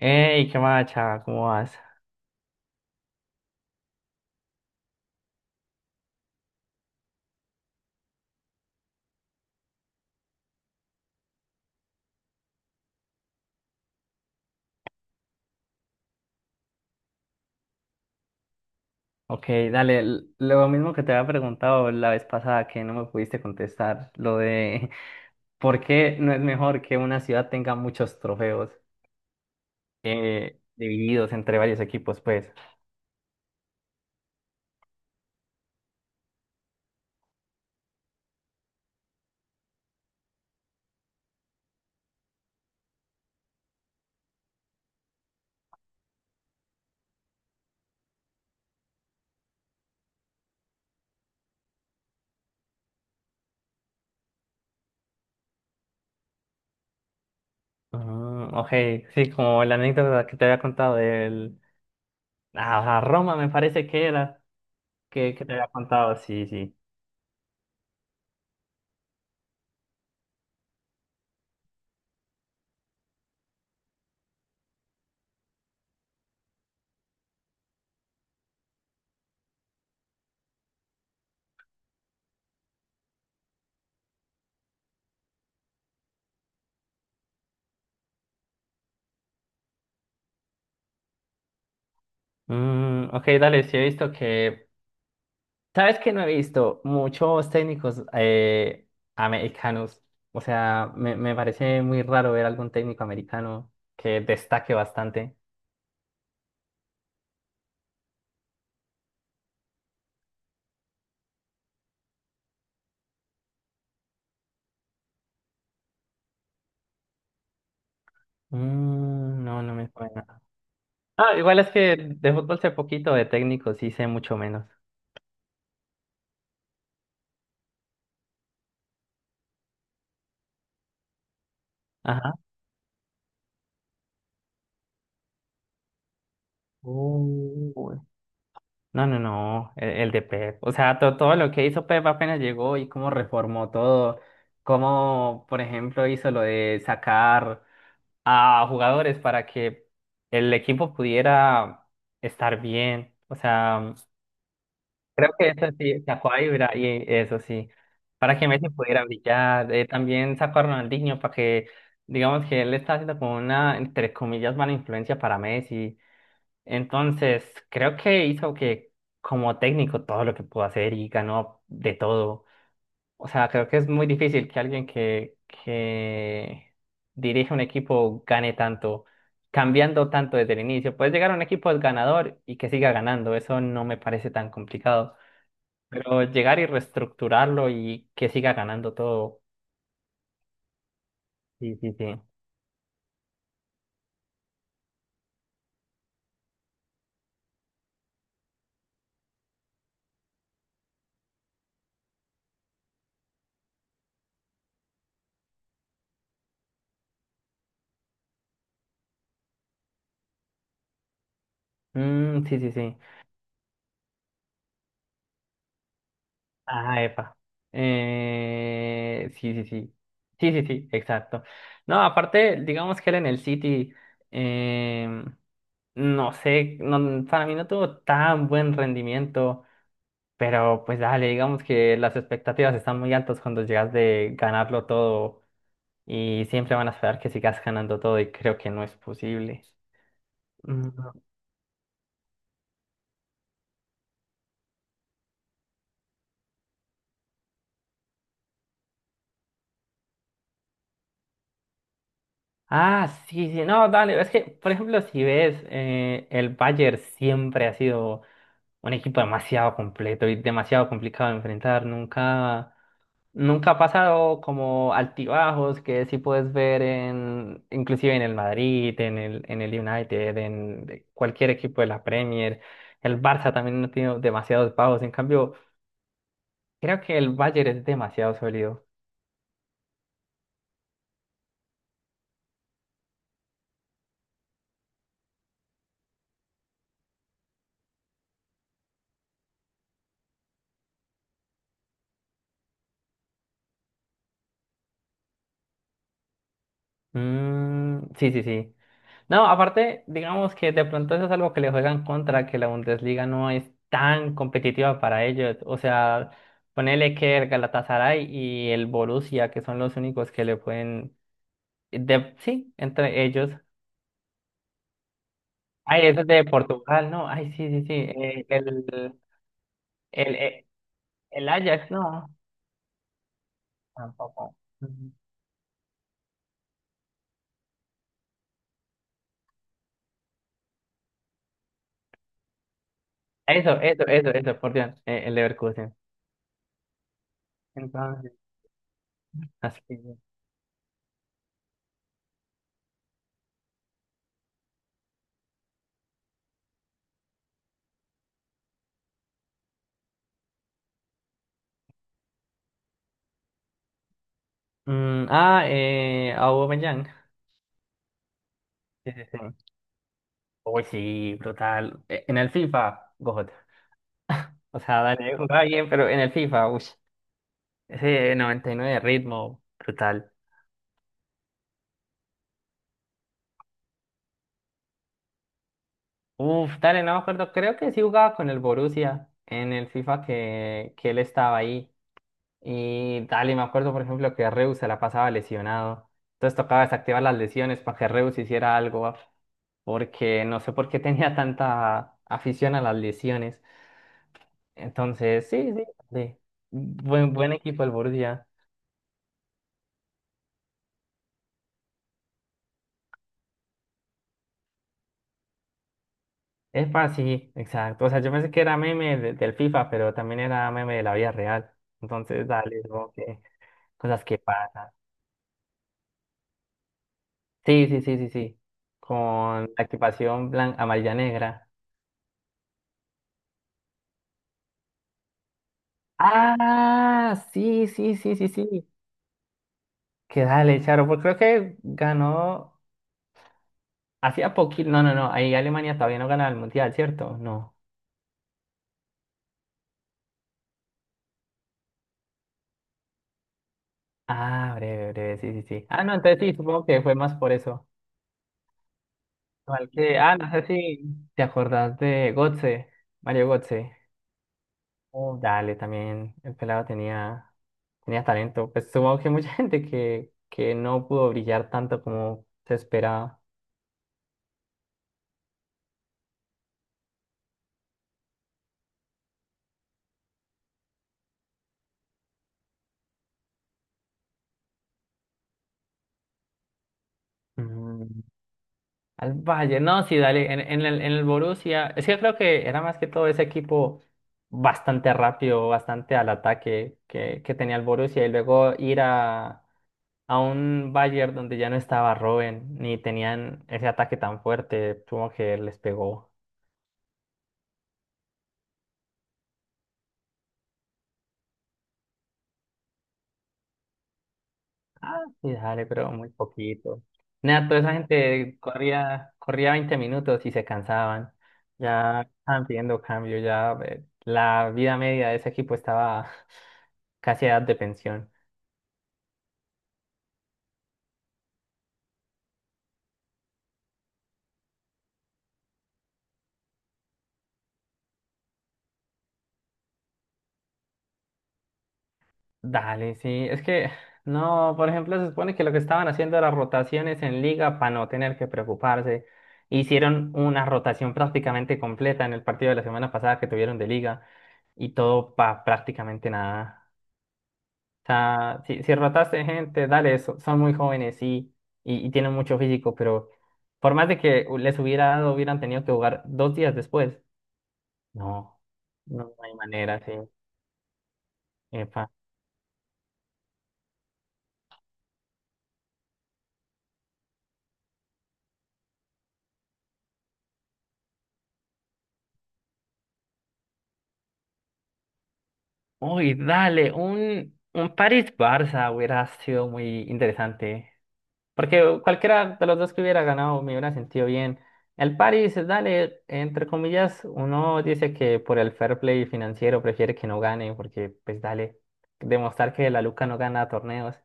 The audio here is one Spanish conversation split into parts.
Ey, qué más, chava, ¿cómo vas? Ok, dale, lo mismo que te había preguntado la vez pasada que no me pudiste contestar, lo de por qué no es mejor que una ciudad tenga muchos trofeos, divididos entre varios equipos, pues. Mm, ok, sí, como la anécdota que te había contado del... Ah, Roma me parece que era, que te había contado, sí, sí. Mm, ok, dale, sí he visto que. ¿Sabes que no he visto muchos técnicos americanos? O sea, me parece muy raro ver algún técnico americano que destaque bastante. Mm, no, no me suena. Ah, igual es que de fútbol sé poquito, de técnicos sí sé mucho menos. Ajá. Uy. No, no, no, el de Pep. O sea, todo lo que hizo Pep apenas llegó y cómo reformó todo. Cómo, por ejemplo, hizo lo de sacar a jugadores para que el equipo pudiera estar bien. O sea, creo que eso sí, sacó a Ibra y eso sí, para que Messi pudiera brillar. También sacó a Ronaldinho para que, digamos, que él está haciendo como una, entre comillas, mala influencia para Messi. Entonces, creo que hizo, que como técnico, todo lo que pudo hacer y ganó de todo. O sea, creo que es muy difícil que alguien que dirige un equipo gane tanto, cambiando tanto desde el inicio. Puedes llegar a un equipo es ganador y que siga ganando, eso no me parece tan complicado. Pero llegar y reestructurarlo y que siga ganando todo, sí, sí, sí. Mm, sí, sí, sí. Ah, epa. Sí, sí, sí. Sí, sí, sí, exacto. No, aparte, digamos que él en el City, em, no sé, para mí no tuvo tan buen rendimiento, pero pues dale, digamos que las expectativas están muy altas cuando llegas de ganarlo todo y siempre van a esperar que sigas ganando todo y creo que no es posible. Mm, ah, sí, sí, no, dale, es que, por ejemplo, si ves, el Bayern siempre ha sido un equipo demasiado completo y demasiado complicado de enfrentar. Nunca, nunca ha pasado como altibajos que sí puedes ver en, inclusive en el Madrid, en el United, en cualquier equipo de la Premier. El Barça también no tiene demasiados bajos. En cambio, creo que el Bayern es demasiado sólido. Mm, sí, sí, sí. No, aparte, digamos que de pronto eso es algo que le juegan contra, que la Bundesliga no es tan competitiva para ellos. O sea, ponele que el Galatasaray y el Borussia, que son los únicos que le pueden... sí, entre ellos. Ay, eso es de Portugal, ¿no? Ay, sí, sí, sí. El, eh, el Ajax, no. Tampoco. Ujú. Eso, por Dios, el Leverkusen. Entonces, así. Mm, ah, Aubameyang. Sí, sí, sí. Uy, sí, brutal. En el FIFA, God. O sea, dale, jugaba bien, pero en el FIFA, uy. Ese 99 de ritmo, brutal. Uf, dale, no me acuerdo. Creo que sí jugaba con el Borussia en el FIFA que él estaba ahí. Y dale, me acuerdo, por ejemplo, que Reus se la pasaba lesionado. Entonces tocaba desactivar las lesiones para que Reus hiciera algo. Porque no sé por qué tenía tanta afición a las lesiones. Entonces, sí, sí, dale. Buen, buen equipo el Borussia. Epa, sí, exacto. O sea, yo pensé que era meme del FIFA, pero también era meme de la vida real. Entonces, dale, como que cosas que pasan. Sí, sí, sí, sí, sí. Con la equipación blanca, amarilla, negra. Ah, sí, sí, sí, sí, sí. Que dale, Charo, porque creo que ganó hacía poquito. No, no, no. Ahí Alemania todavía no gana el mundial, ¿cierto? No. Ah, breve, breve, sí, sí, sí. Ah, no, entonces sí, supongo que fue más por eso. Igual que, ah, no sé si te acordás de Gotze, Mario Gotze. Oh, dale, también el pelado tenía, tenía talento. Pues supongo que mucha gente que no pudo brillar tanto como se esperaba. Mm, Al Valle, no, sí, dale, en el Borussia. Es que creo que era más que todo ese equipo bastante rápido, bastante al ataque que tenía el Borussia y luego ir a un Bayern donde ya no estaba Robben, ni tenían ese ataque tan fuerte, supongo que les pegó. Ah, sí, dale, pero muy poquito. Nada, toda esa gente corría, corría 20 minutos y se cansaban. Ya estaban pidiendo cambio, ya, la vida media de ese equipo estaba casi a edad de pensión. Dale, sí. Es que, no, por ejemplo, se supone que lo que estaban haciendo era rotaciones en liga para no tener que preocuparse. Hicieron una rotación prácticamente completa en el partido de la semana pasada que tuvieron de liga y todo para prácticamente nada. O sea, si, si rotaste gente, dale, son muy jóvenes, sí, y tienen mucho físico, pero por más de que les hubiera dado, hubieran tenido que jugar dos días después. No, no hay manera, sí. Uy, dale, un París-Barça hubiera sido muy interesante. Porque cualquiera de los dos que hubiera ganado me hubiera sentido bien. El París, dale, entre comillas, uno dice que por el fair play financiero prefiere que no gane, porque pues dale, demostrar que la Luca no gana torneos.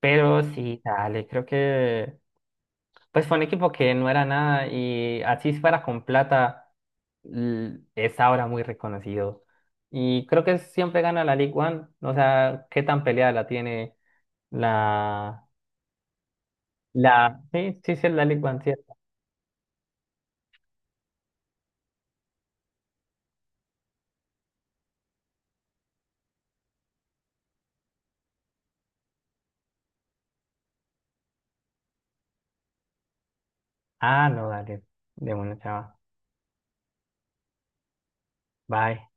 Pero sí, dale, creo que pues fue un equipo que no era nada y así fuera con plata, es ahora muy reconocido. Y creo que siempre gana la League One. O sea, qué tan peleada la tiene la... la... Sí, sí, sí, es la League One, ¿cierto? Ah, no, dale. De bueno, chava. Bye.